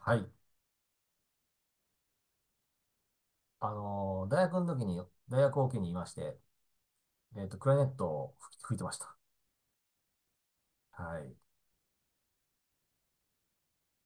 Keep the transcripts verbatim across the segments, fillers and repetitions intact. はい。あのー大学の時に、大学を機にいまして、えっと、クラリネットを吹いてました。はい。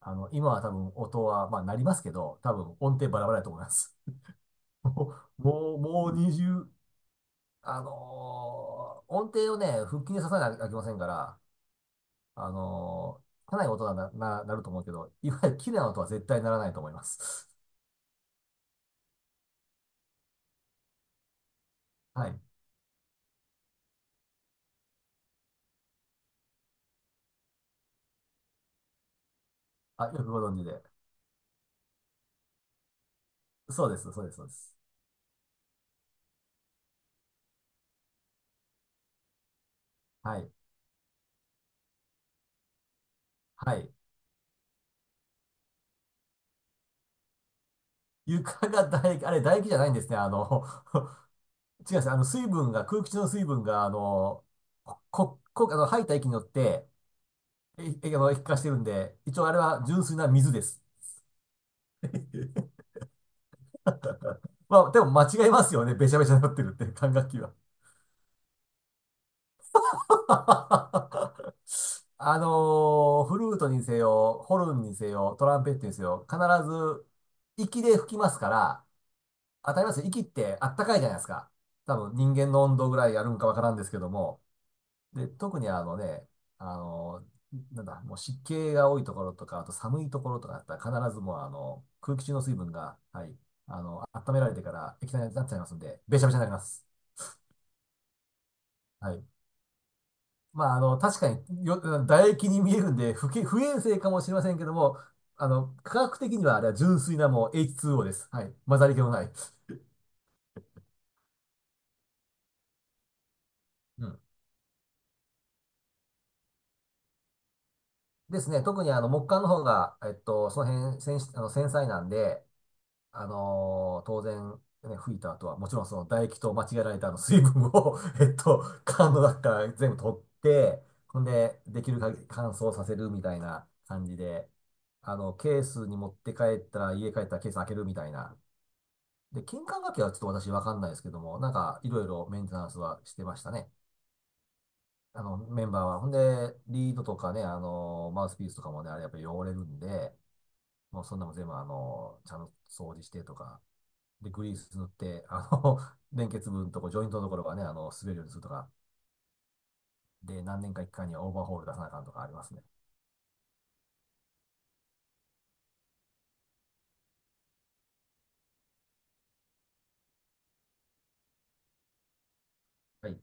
あの、今は多分音は、まあ、なりますけど、多分音程バラバラだと思います。もう、もう、もう、にじゅうあのー音程をね、腹筋で刺さなきゃいけませんから、あのーかなり音がな、な、なると思うけど、いわゆる綺麗な音は絶対ならないと思います。はい。あ、よくご存知で。そうです、そうです、そうです。はい。はい。床が唾液、あれ唾液じゃないんですね。あの、違います。あの、水分が、空気中の水分が、あの、こ、こ、あの、吐いた息によって、え、えあの、液化してるんで、一応あれは純粋な水です。まあ、でも間違いますよね。べちゃべちゃになってるって、管楽器は。あのーフルートにせよ、ホルンにせよ、トランペットにせよ、必ず、息で吹きますから、当たりますよ。息ってあったかいじゃないですか。多分人間の温度ぐらいやるんかわからんですけども。で、特にあのね、あの、なんだ、もう湿気が多いところとか、あと寒いところとかだったら必ずもうあの、空気中の水分が、はい、あの、温められてから液体になっちゃいますんで、べちゃべちゃになります。はい。まあ、あの、確かによ、唾液に見えるんで、不け、不衛生かもしれませんけども、あの、科学的にはあれは純粋なもう エイチツーオー です。はい。混ざり気もない。うん。ですね。特にあの、木管の方が、えっと、その辺、繊細あの繊細なんで、あのー当然、ね、吹いた後は、もちろんその唾液と間違えられたあの水分を えっと、缶の中から全部取って、ほんで、できる限り乾燥させるみたいな感じで、あの、ケースに持って帰ったら、家帰ったらケース開けるみたいな。で、金管楽器はちょっと私わかんないですけども、なんか、いろいろメンテナンスはしてましたね。あの、メンバーは。ほんで、リードとかね、あのマウスピースとかもね、あれやっぱり汚れるんで、もうそんなもん全部あのちゃんと掃除してとか、で、グリース塗って、あの、連結部のとこ、ジョイントのところがね、あの、滑るようにするとか、で、何年か一回にはオーバーホール出さなあかんとかありますね。はい。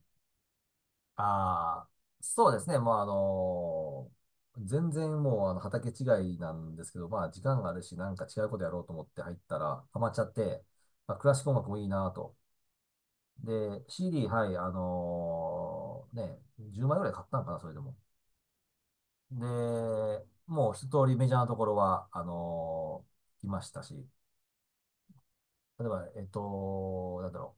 ああ、そうですね。まあ、あのー全然もう、あの、畑違いなんですけど、まあ、時間があるし、なんか違うことやろうと思って入ったら、ハマっちゃって、まあ、クラシック音楽もいいなと。で、シーディー、はい、あのーね、じゅうまいぐらい買ったんかな、それでも。で、もう一通りメジャーなところは、あのー来ましたし、例えば、えっと、なんだろ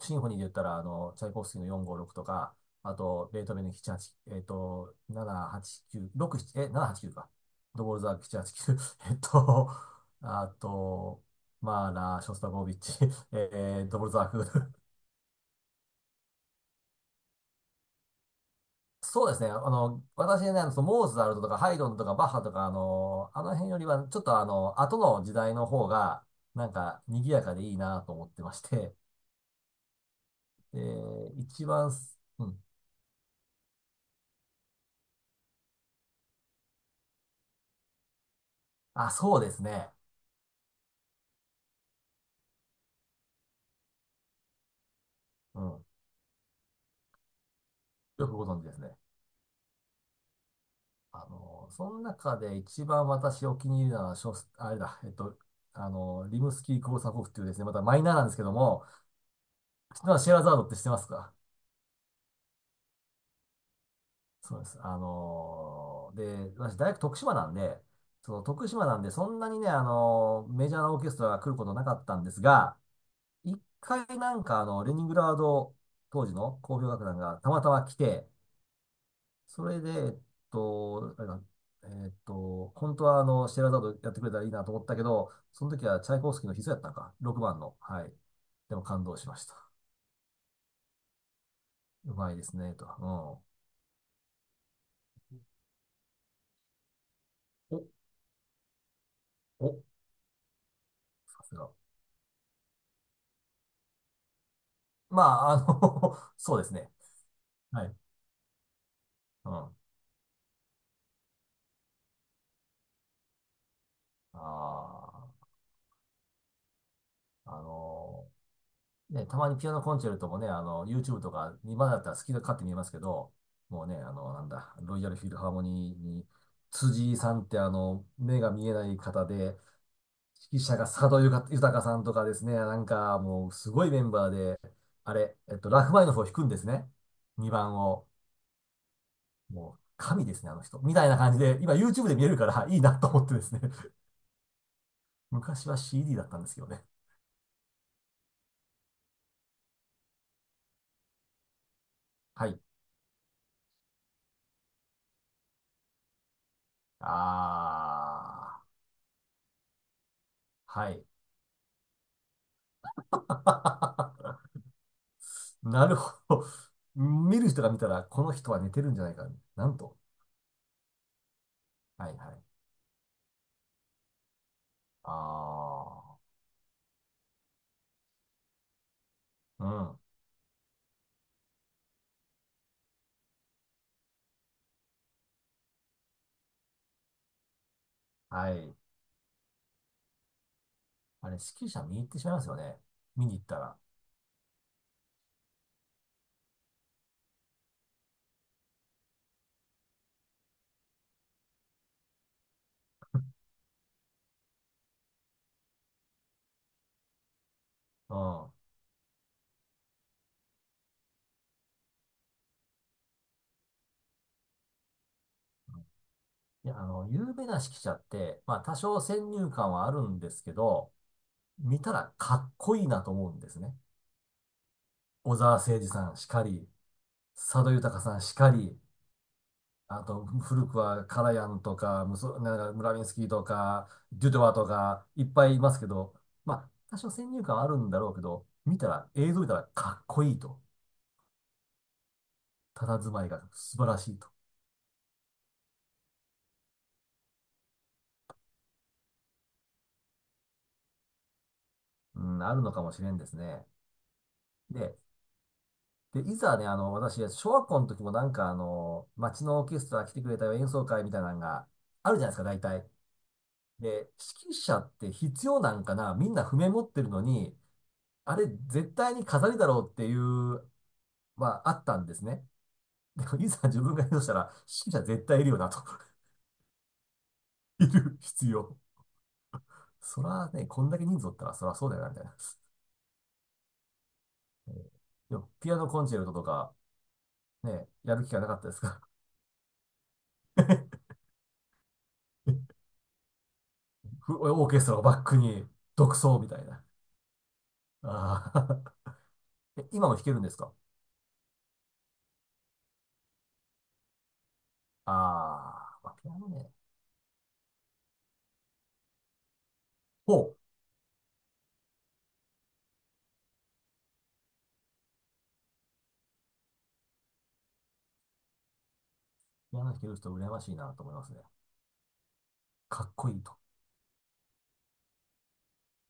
う、シンフォニーで言ったら、あの、チャイコフスキーのよんごろくとか、あと、ベートーベンのななはち、はちえっと、ななはちきゅう、ろくなな、きゅうろくななえ、ななはちきゅうか。ドボルザークななはちきゅう、はちきゅう えっと、あと、マーラー、ショスタコービッチ、えー、ドボルザーク。そうですね。あの、私ね、あの、そのモーツァルトとかハイドンとかバッハとか、あの、あの辺よりは、ちょっとあの、後の時代の方が、なんか、賑やかでいいなと思ってまして、えー、一番、うんあ、そうですね。うん。よくご存知ですね。あの、その中で一番私お気に入りなのは、ショスあれだ、えっと、あの、リムスキー・コルサコフっていうですね、またマイナーなんですけども、知ってます？シェエラザードって知ってますか？そうです。あの、で、私大学徳島なんで、その徳島なんで、そんなにね、あの、メジャーなオーケストラが来ることなかったんですが、一回なんかあの、レニングラード当時の交響楽団がたまたま来て、それで、えっと、あれだ、えっと、本当はあの、シェエラザードやってくれたらいいなと思ったけど、その時はチャイコフスキーの必須やったのか、ろくばんの。はい。でも感動しました。うまいですね、と。うん。お、お、さすが。まあ、あの そうですね。はい。うん。ああ、あのね、たまにピアノコンチェルトもね、あの、YouTube とか、今だったら好きで買って見えますけど、もうね、あの、なんだ、ロイヤルフィルハーモニーに、辻井さんってあの、目が見えない方で、指揮者が佐渡ゆか豊さんとかですね、なんかもうすごいメンバーで、あれ、えっと、ラフマニノフを弾くんですね。にばんを。もう神ですね、あの人。みたいな感じで、今 YouTube で見えるからいいなと思ってですね。昔は シーディー だったんですけどね。はい。あー、はい。なるほど。見る人が見たら、この人は寝てるんじゃないか。なんと。はいはい。あー、うん。はい。あれ、指揮者見に行ってしまいますよね。見に行ったら。うん。いや、あの、有名な指揮者って、まあ、多少先入観はあるんですけど、見たらかっこいいなと思うんですね。小澤征爾さんしかり、佐渡裕さんしかり、あと、古くはカラヤンとか、ムソ、なんかムラミンスキーとか、デュドワとか、いっぱいいますけど、まあ、多少先入観はあるんだろうけど、見たら、映像見たらかっこいいと。佇まいが素晴らしいと。うん、あるのかもしれんですね。で、で、いざね、あの、私、小学校の時もなんか、あの、町のオーケストラ来てくれたよ演奏会みたいなのがあるじゃないですか、大体。で、指揮者って必要なんかな？みんな譜面持ってるのに、あれ絶対に飾りだろうっていう、まあ、あったんですね。でも、いざ自分が演奏したら、指揮者絶対いるよなと いる必要。そらね、こんだけ人数おったら、そらそうだよな、みたいな。えーでも、ピアノコンチェルトとか、ね、やる気がなかったですか？ オーケストラをバックに独奏みたいな。ああ え、今も弾けるんですか？ああー、まあ、ピアノね。ほう。ピアノ弾ける人羨ましいなと思いますね。かっこいいと。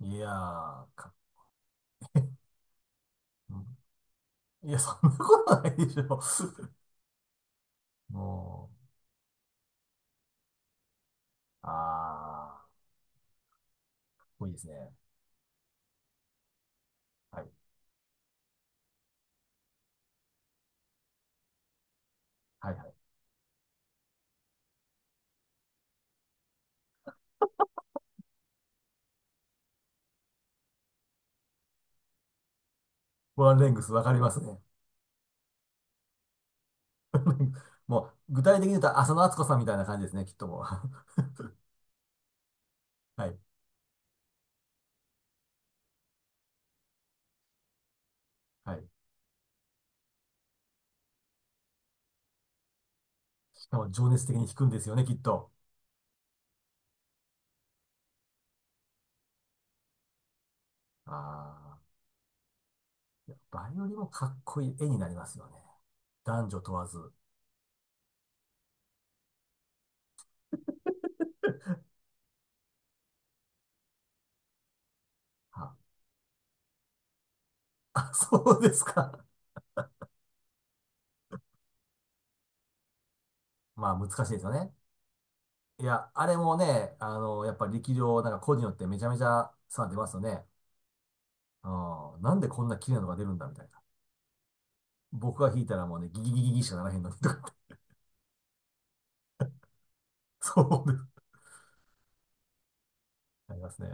いやー、かっけえ。うんいや、そんなことないでしょ。もう、ああ、かっこいいですね。はい。はいはい。ワンレングスわかりますね。もう、具体的に言うと浅野温子さんみたいな感じですね、きっともう。はい。はい。しかも情熱的に弾くんですよね、きっと。ああ、いやバイオリンもかっこいい絵になりますよね。男女問わず。あ、あそうですか。まあ難しいですよね。いや、あれもね、あの、やっぱり力量、なんか個人によってめちゃめちゃ差出ますよね。うん、なんでこんな綺麗なのが出るんだみたいな。僕が弾いたらもうね、ギギギギギしかならへんのにとかって、そうです。ありますね。